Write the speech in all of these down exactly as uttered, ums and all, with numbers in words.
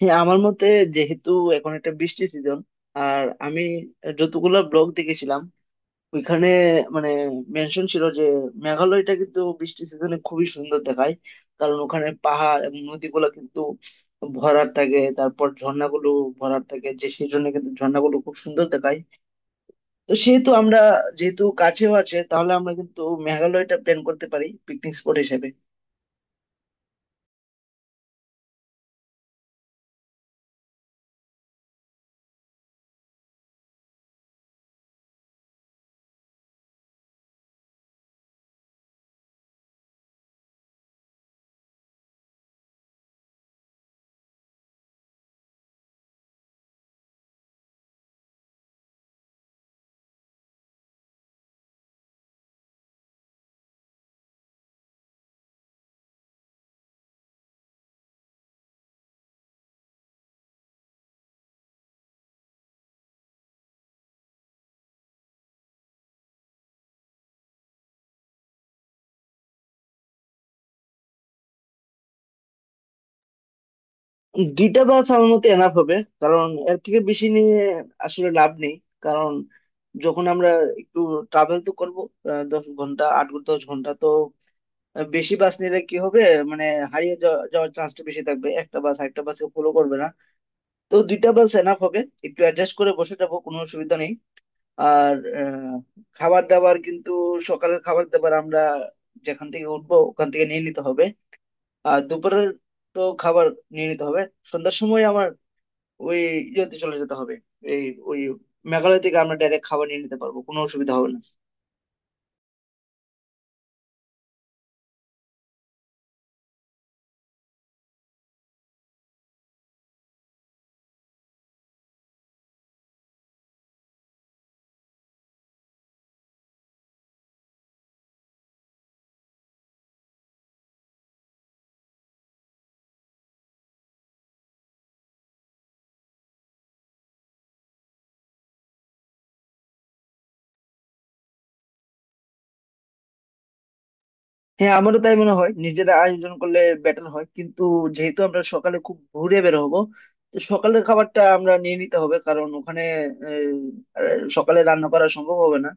হ্যাঁ, আমার মতে যেহেতু এখন একটা বৃষ্টি সিজন, আর আমি যতগুলো ব্লগ দেখেছিলাম ওইখানে মানে মেনশন ছিল যে মেঘালয়টা কিন্তু বৃষ্টি সিজনে খুবই সুন্দর দেখায়। কারণ ওখানে পাহাড় এবং নদীগুলো কিন্তু ভরাট থাকে, তারপর ঝর্ণাগুলো ভরাট থাকে, যে সেই জন্য কিন্তু ঝর্ণাগুলো খুব সুন্দর দেখায়। তো সেহেতু আমরা, যেহেতু কাছেও আছে, তাহলে আমরা কিন্তু মেঘালয়টা প্ল্যান করতে পারি পিকনিক স্পট হিসেবে। দুইটা বাস আমার মতে এনাফ হবে, কারণ এর থেকে বেশি নিয়ে আসলে লাভ নেই। কারণ যখন আমরা একটু ট্রাভেল তো করব, দশ ঘন্টা, আট ঘন্টা, দশ ঘন্টা তো আহ, বেশি বাস নিলে কি হবে, মানে হারিয়ে যাওয়া- যাওয়ার চান্সটা বেশি থাকবে, একটা বাস আরেকটা বাসকে ফলো করবে না। তো দুইটা বাস এনাফ হবে, একটু অ্যাডজাস্ট করে বসে যাবো, কোনো অসুবিধা নেই। আর আহ, খাবার দাবার কিন্তু, সকালের খাবার দাবার আমরা যেখান থেকে উঠবো ওখান থেকে নিয়ে নিতে হবে। আর দুপুরের তো খাবার নিয়ে নিতে হবে। সন্ধ্যার সময় ওই ইয়েতে চলে যেতে হবে। এই ওই মেঘালয় থেকে আমরা ডাইরেক্ট খাবার নিয়ে নিতে পারবো, কোনো অসুবিধা হবে না। হ্যাঁ, আমারও তাই মনে হয়, নিজেরা আয়োজন করলে বেটার হয়। কিন্তু যেহেতু আমরা সকালে খুব ঘুরে বের হবো, তো সকালের খাবারটা আমরা নিয়ে নিতে হবে, কারণ ওখানে আহ, আহ, সকালে রান্না করা সম্ভব হবে না।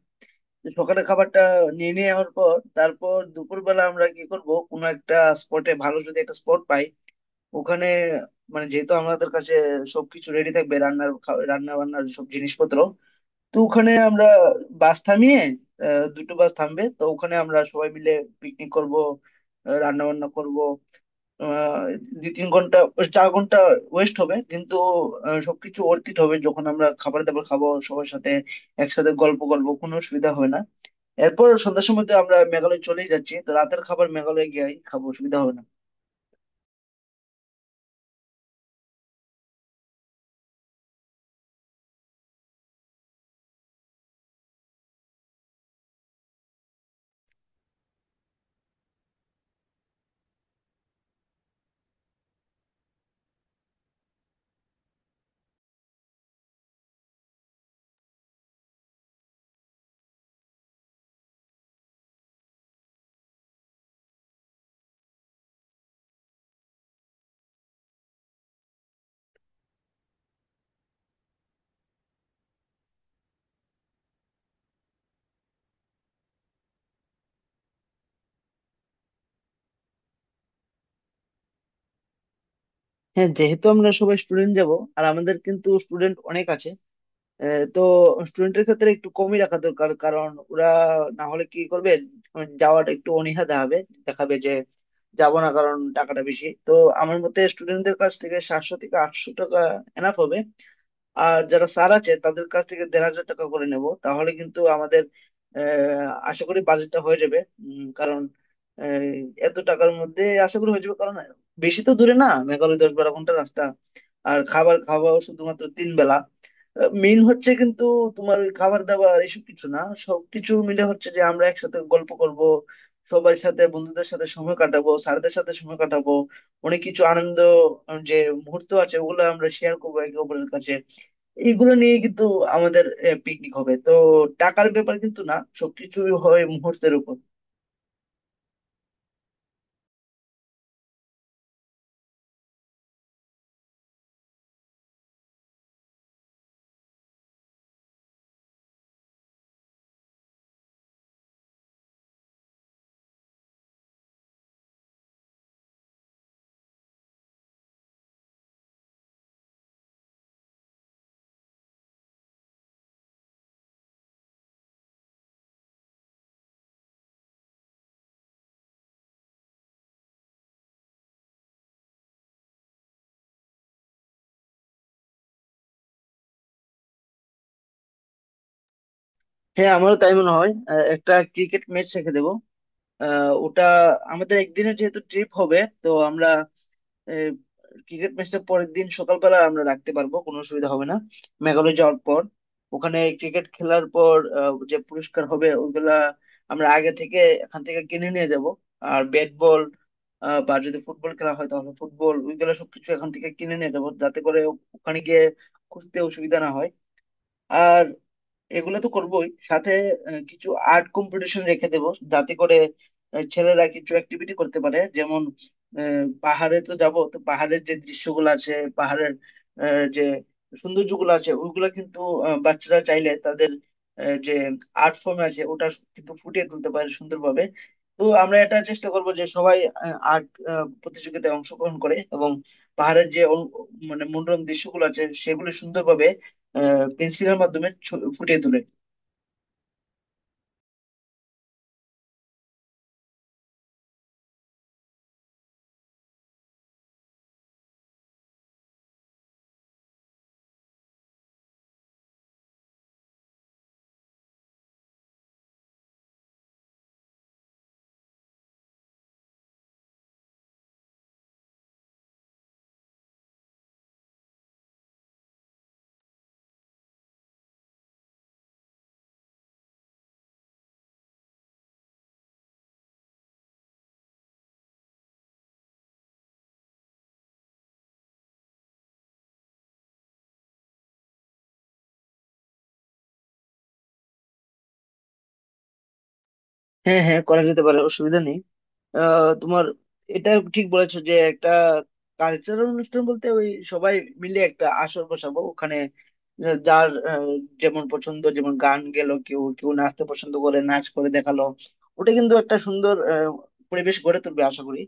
তো সকালের খাবারটা নিয়ে নেওয়ার পর, তারপর দুপুরবেলা আমরা কি করব, কোনো একটা স্পটে, ভালো যদি একটা স্পট পাই ওখানে, মানে যেহেতু আমাদের কাছে সবকিছু রেডি থাকবে, রান্নার খা- রান্না বান্নার সব জিনিসপত্র, তো ওখানে আমরা বাস থামিয়ে, আহ, দুটো বাস থামবে, তো ওখানে আমরা সবাই মিলে পিকনিক করব, রান্না বান্না করব। আহ, দুই তিন ঘন্টা, ওই চার ঘন্টা ওয়েস্ট হবে, কিন্তু আহ, সবকিছু অর্থিত হবে যখন আমরা খাবার দাবার খাবো সবার সাথে একসাথে, গল্প করবো, কোনো অসুবিধা হবে না। এরপর সন্ধ্যার সময় তো আমরা মেঘালয় চলেই যাচ্ছি, তো রাতের খাবার মেঘালয় গিয়ে খাবো, অসুবিধা হবে না। হ্যাঁ, যেহেতু আমরা সবাই স্টুডেন্ট যাব, আর আমাদের কিন্তু স্টুডেন্ট অনেক আছে, আহ, তো স্টুডেন্টের ক্ষেত্রে একটু কমই রাখা দরকার, কারণ ওরা না হলে কি করবে, উম, যাওয়াটা একটু অনীহা দেখাবে, দেখাবে যে যাবো না, কারণ টাকাটা বেশি তো। আমার মতে স্টুডেন্টদের কাছ থেকে সাতশো থেকে আটশো টাকা এনাফ হবে। আর যারা স্যার আছে তাদের কাছ থেকে দেড় হাজার টাকা করে নেব, তাহলে কিন্তু আমাদের আহ, আশা করি বাজেটটা হয়ে যাবে। উম, কারণ আহ, এত টাকার মধ্যে আশা করি হয়ে যাবে, কারণ বেশি তো দূরে না মেঘালয়, দশ বারো ঘন্টা রাস্তা। আর খাবার খাওয়াও শুধুমাত্র তিন বেলা। মেইন হচ্ছে কিন্তু তোমার ওই খাবার দাবার এসব কিছু না, সবকিছু মিলে হচ্ছে যে আমরা একসাথে গল্প করব, সবার সাথে, বন্ধুদের সাথে সময় কাটাবো, স্যারদের সাথে সময় কাটাবো, অনেক কিছু আনন্দ আহ, যে মুহূর্ত আছে ওগুলো আমরা শেয়ার করবো একে অপরের কাছে। এগুলো নিয়ে কিন্তু আমাদের পিকনিক হবে তো, টাকার ব্যাপার কিন্তু না, সবকিছুই হয় মুহূর্তের উপর। হ্যাঁ, আমারও তাই মনে হয়, আহ, একটা ক্রিকেট ম্যাচ রেখে দেবো। আহ, ওটা আমাদের একদিনের যেহেতু ট্রিপ হবে, তো আমরা ক্রিকেট ম্যাচটা পরের দিন সকালবেলা আমরা রাখতে পারবো, কোনো অসুবিধা হবে না। মেঘালয় যাওয়ার পর ওখানে ক্রিকেট খেলার পর আহ, যে পুরস্কার হবে ওইগুলা আমরা আগে থেকে এখান থেকে কিনে নিয়ে যাব। আর ব্যাট বল, আহ, বা যদি ফুটবল খেলা হয় তাহলে ফুটবল, ওইগুলা সবকিছু এখান থেকে কিনে নিয়ে যাবো, যাতে করে ওখানে গিয়ে খুঁজতে অসুবিধা না হয়। আর এগুলো তো করবোই, সাথে আহ, কিছু আর্ট কম্পিটিশন রেখে দেব, যাতে করে আহ, ছেলেরা কিছু অ্যাক্টিভিটি করতে পারে। যেমন আহ, পাহাড়ে তো যাব, তো পাহাড়ের যে দৃশ্যগুলো আছে, পাহাড়ের আহ, যে সৌন্দর্যগুলো আছে ওগুলো কিন্তু, আহ, বাচ্চারা চাইলে তাদের আহ, যে আর্ট ফর্ম আছে ওটা কিন্তু ফুটিয়ে তুলতে পারে সুন্দরভাবে। তো আমরা এটা চেষ্টা করব যে সবাই আর্ট প্রতিযোগিতায় অংশগ্রহণ করে, এবং পাহাড়ের যে অল- মানে মনোরম দৃশ্যগুলো আছে সেগুলো সুন্দরভাবে পেন্সিলের মাধ্যমে ছ- ফুটিয়ে তোলে। হ্যাঁ হ্যাঁ, করা যেতে পারে, অসুবিধা নেই। আহ, তোমার এটা ঠিক বলেছো যে একটা কালচারাল অনুষ্ঠান বলতে ওই সবাই মিলে একটা আসর বসাবো ওখানে, আহ, যার আহ, যেমন পছন্দ, যেমন গান গেলো, কেউ কেউ নাচতে পছন্দ করে নাচ করে দেখালো, ওটা কিন্তু একটা সুন্দর আহ, পরিবেশ গড়ে তুলবে আশা করি।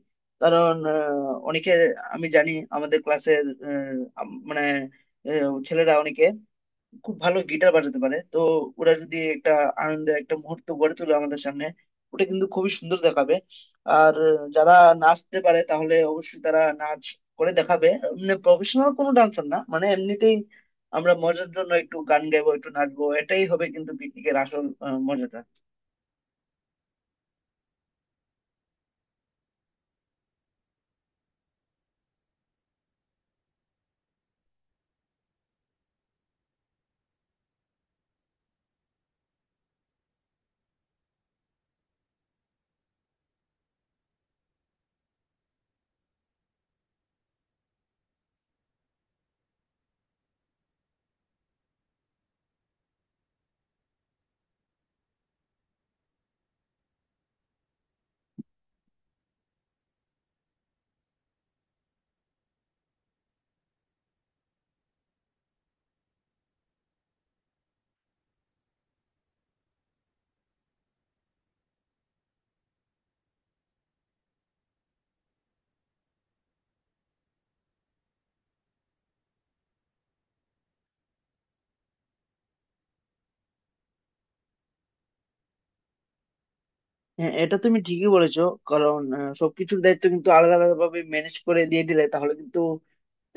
কারণ আহ, অনেকে, আমি জানি আমাদের ক্লাসের মানে আহ, ছেলেরা অনেকে খুব ভালো গিটার বাজাতে পারে, তো ওরা যদি একটা আনন্দের একটা মুহূর্ত গড়ে তোলে আমাদের সামনে, ওটা কিন্তু খুবই সুন্দর দেখাবে। আর আহ, যারা নাচতে পারে তাহলে অবশ্যই তারা নাচ করে দেখাবে। মানে প্রফেশনাল কোনো ডান্সার না, মানে এমনিতেই আমরা মজার জন্য একটু গান গাইবো, একটু নাচবো, এটাই হবে কিন্তু পিকনিকের আসল আহ, মজাটা। হ্যাঁ, এটা তুমি ঠিকই বলেছো, কারণ আহ, সবকিছুর দায়িত্ব কিন্তু আলাদা আলাদা ভাবে ম্যানেজ করে দিয়ে দিলে তাহলে কিন্তু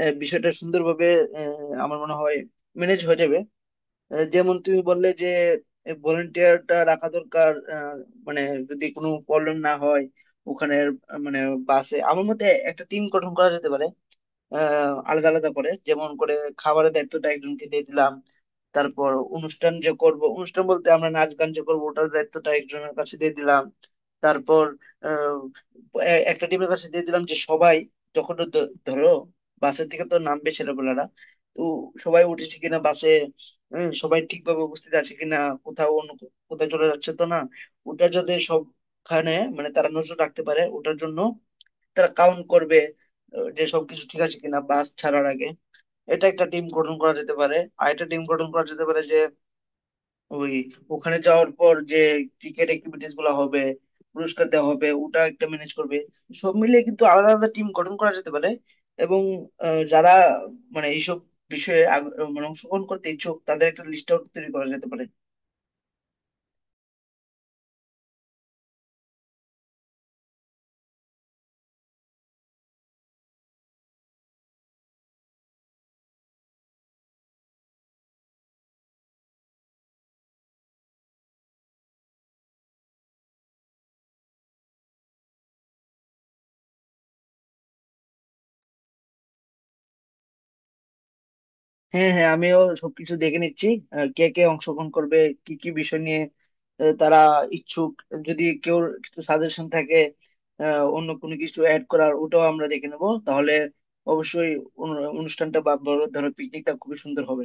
আহ, বিষয়টা সুন্দরভাবে আহ, আমার মনে হয় ম্যানেজ হয়ে যাবে। আহ, যেমন তুমি বললে যে ভলেন্টিয়ারটা রাখা দরকার, আহ, মানে যদি কোনো প্রবলেম না হয় ওখানে, আহ, মানে বাসে, আমার মতে একটা টিম গঠন করা যেতে পারে। আহ আলাদা আলাদা করে, যেমন করে খাবারের দায়িত্বটা একজনকে দিয়ে দিলাম, তারপর অনুষ্ঠান যে করব, অনুষ্ঠান বলতে আমরা নাচ গান যে করবো ওটার দায়িত্বটা একজনের কাছে দিয়ে দিলাম। তারপর আহ, এ- একটা টিমের কাছে দিয়ে দিলাম যে সবাই যখন ধ- ধরো বাসের থেকে তো নামবে ছেলেপেলারা, তো সবাই উঠেছে কিনা বাসে, হম, সবাই ঠিকভাবে উপস্থিত আছে কিনা, কোথাও অন্য কো- কোথাও চলে যাচ্ছে তো না, ওটা যাতে সবখানে, মানে তারা নজর রাখতে পারে ওটার জন্য, তারা কাউন্ট করবে আহ, যে সবকিছু ঠিক আছে কিনা বাস ছাড়ার আগে। এটা একটা টিম গঠন করা যেতে পারে। আর একটা টিম গঠন করা যেতে পারে, যে ওই ওখানে যাওয়ার পর যে ক্রিকেট অ্যাক্টিভিটিস গুলো হবে, পুরস্কার দেওয়া হবে, ওটা একটা ম্যানেজ করবে। সব মিলিয়ে কিন্তু আলাদা আলাদা টিম গঠন করা যেতে পারে, এবং আহ, যারা মানে এইসব বিষয়ে আগ- মানে অংশগ্রহণ করতে ইচ্ছুক তাদের একটা লিস্ট আউট তৈরি করা যেতে পারে। হ্যাঁ হ্যাঁ, আমিও সবকিছু দেখে নিচ্ছি, আহ, কে কে অংশগ্রহণ করবে, কি কি বিষয় নিয়ে আহ, তারা ইচ্ছুক, যদি কেউ কিছু সাজেশন থাকে, আহ, অন্য কোনো কিছু অ্যাড করার, ওটাও আমরা দেখে নেবো, তাহলে অবশ্যই অনু- অনুষ্ঠানটা, বা বড় ধরো পিকনিকটা, খুবই সুন্দর হবে।